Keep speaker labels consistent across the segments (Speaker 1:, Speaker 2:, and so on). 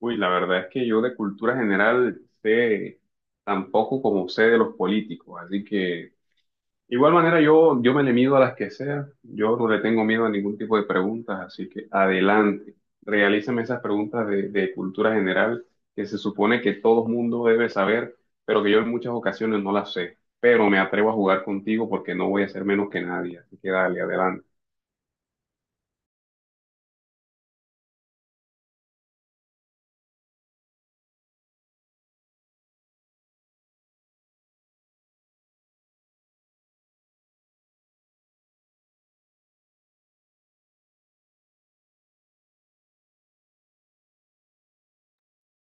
Speaker 1: Uy, la verdad es que yo de cultura general sé tan poco como sé de los políticos, así que igual manera yo me le mido a las que sea, yo no le tengo miedo a ningún tipo de preguntas, así que adelante, realízame esas preguntas de cultura general que se supone que todo mundo debe saber, pero que yo en muchas ocasiones no las sé, pero me atrevo a jugar contigo porque no voy a ser menos que nadie, así que dale, adelante.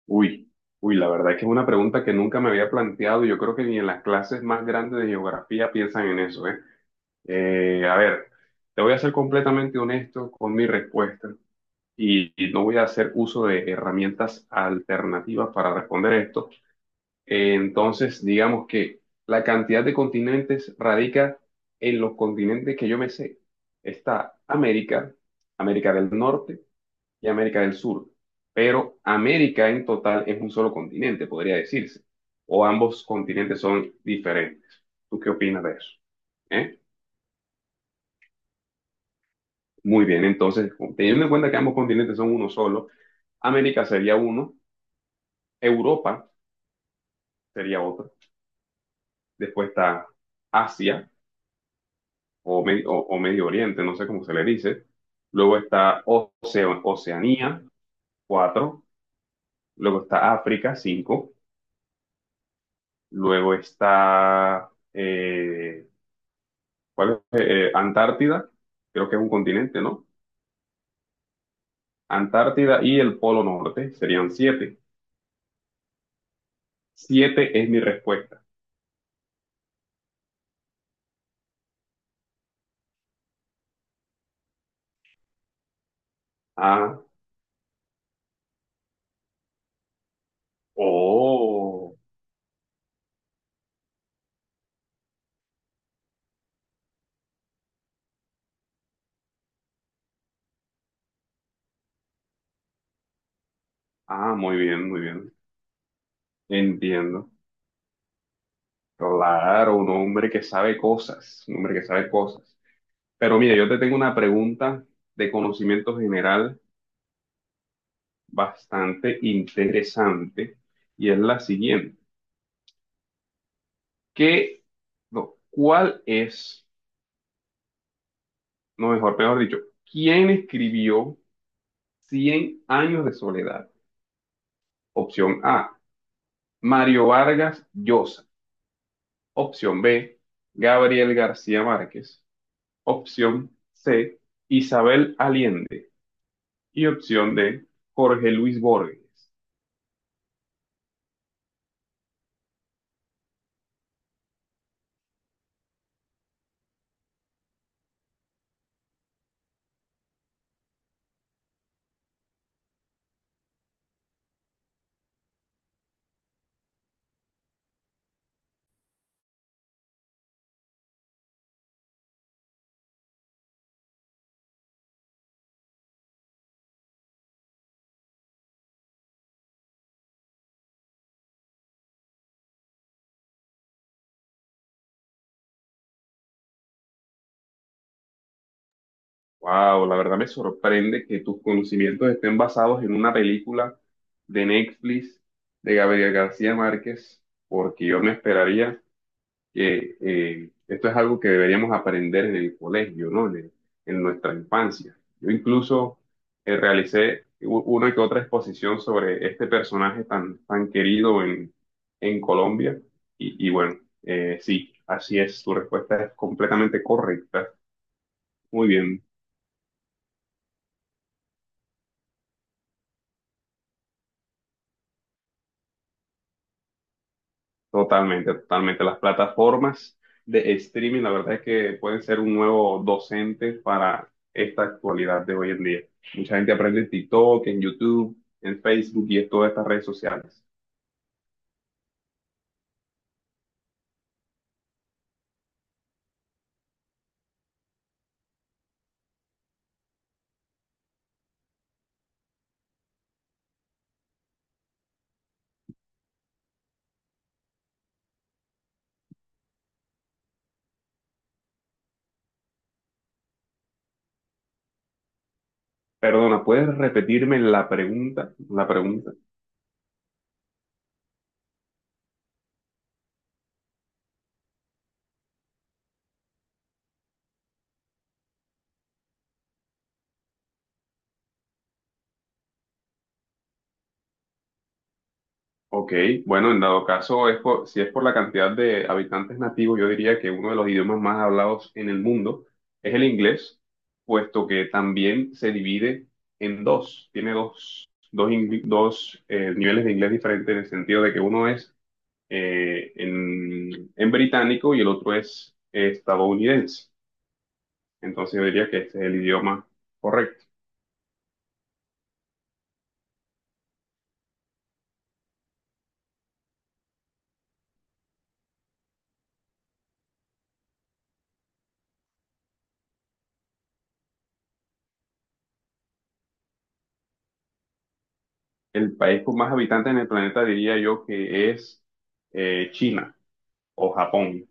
Speaker 1: Uy, uy, la verdad es que es una pregunta que nunca me había planteado. Y yo creo que ni en las clases más grandes de geografía piensan en eso, ¿eh? A ver, te voy a ser completamente honesto con mi respuesta y no voy a hacer uso de herramientas alternativas para responder esto. Entonces, digamos que la cantidad de continentes radica en los continentes que yo me sé. Está América, América del Norte y América del Sur. Pero América en total es un solo continente, podría decirse. O ambos continentes son diferentes. ¿Tú qué opinas de eso? ¿Eh? Muy bien, entonces, teniendo en cuenta que ambos continentes son uno solo, América sería uno, Europa sería otro, después está Asia o Medio Oriente, no sé cómo se le dice, luego está Oceanía, cuatro, luego está África, cinco, luego está ¿Cuál es? Antártida, creo que es un continente, ¿no? Antártida y el Polo Norte serían siete. Siete es mi respuesta. Ah, oh, ah, muy bien, muy bien. Entiendo. Claro, un hombre que sabe cosas, un hombre que sabe cosas. Pero mira, yo te tengo una pregunta de conocimiento general bastante interesante y es la siguiente. ¿Qué, no, cuál es, no mejor dicho, quién escribió Cien años de soledad? Opción A, Mario Vargas Llosa. Opción B, Gabriel García Márquez. Opción C, Isabel Allende. Y opción D, Jorge Luis Borges. Wow, la verdad me sorprende que tus conocimientos estén basados en una película de Netflix de Gabriel García Márquez, porque yo me esperaría que esto es algo que deberíamos aprender en el colegio, ¿no? En nuestra infancia. Yo incluso realicé una que otra exposición sobre este personaje tan, tan querido en, Colombia. Y bueno, sí, así es, tu respuesta es completamente correcta. Muy bien. Totalmente, totalmente. Las plataformas de streaming, la verdad es que pueden ser un nuevo docente para esta actualidad de hoy en día. Mucha gente aprende en TikTok, en YouTube, en Facebook y en todas estas redes sociales. Perdona, ¿puedes repetirme la pregunta? La pregunta. Ok, bueno, en dado caso, si es por la cantidad de habitantes nativos, yo diría que uno de los idiomas más hablados en el mundo es el inglés, puesto que también se divide en dos, tiene dos niveles de inglés diferentes en el sentido de que uno es en británico y el otro es estadounidense. Entonces yo diría que este es el idioma correcto. El país con más habitantes en el planeta diría yo que es China o Japón.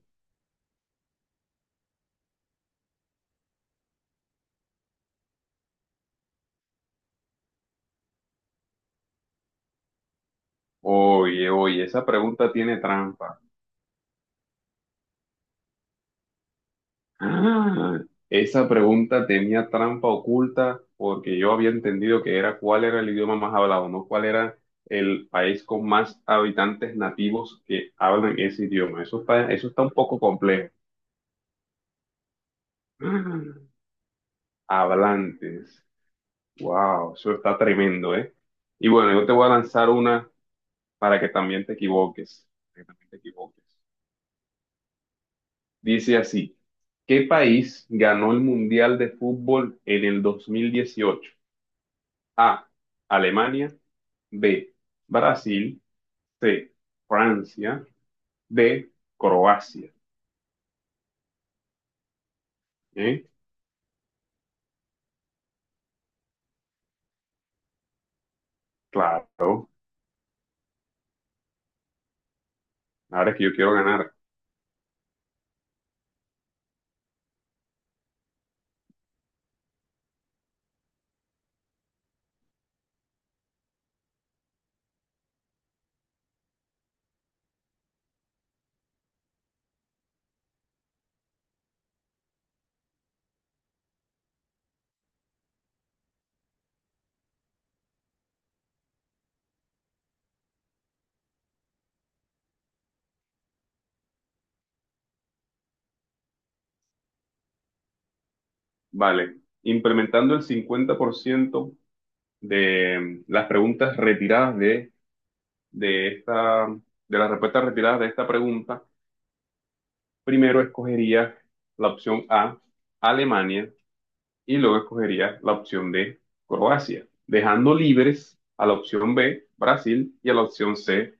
Speaker 1: Oye, oye, esa pregunta tiene trampa. Ah, esa pregunta tenía trampa oculta porque yo había entendido que era cuál era el idioma más hablado, no cuál era el país con más habitantes nativos que hablan ese idioma. Eso está un poco complejo. Ah, hablantes. Wow, eso está tremendo, ¿eh? Y bueno, yo te voy a lanzar una para que también te equivoques. Para que también te equivoques. Dice así, ¿qué país ganó el Mundial de Fútbol en el 2018? A, Alemania, B, Brasil, C, Francia, D, Croacia. ¿Eh? Claro, ahora es que yo quiero ganar. Vale, implementando el 50% de las preguntas retiradas de esta, de las respuestas retiradas de esta pregunta, primero escogería la opción A, Alemania. Y luego escogería la opción D, Croacia, dejando libres a la opción B, Brasil, y a la opción C,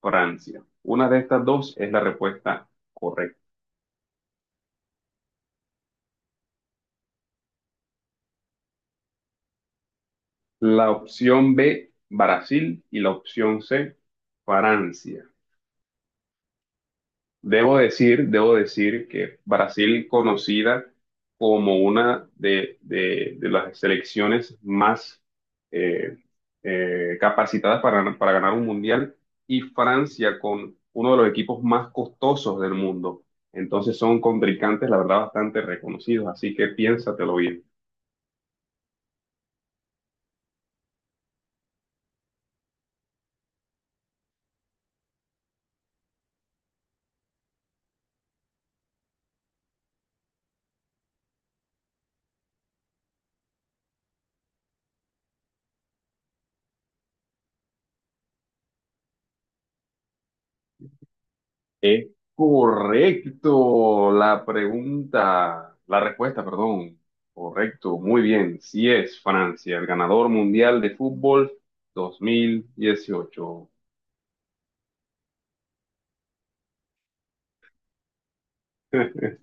Speaker 1: Francia. Una de estas dos es la respuesta correcta. La opción B, Brasil, y la opción C, Francia. Debo decir que Brasil, conocida como una de las selecciones más eh, capacitadas para ganar un mundial, y Francia con uno de los equipos más costosos del mundo. Entonces son contrincantes, la verdad, bastante reconocidos, así que piénsatelo bien. Es correcto la pregunta, la respuesta, perdón. Correcto, muy bien. Sí es Francia, el ganador mundial de fútbol 2018.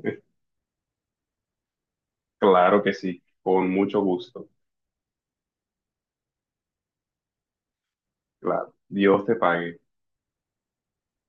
Speaker 1: Claro que sí, con mucho gusto. Claro, Dios te pague.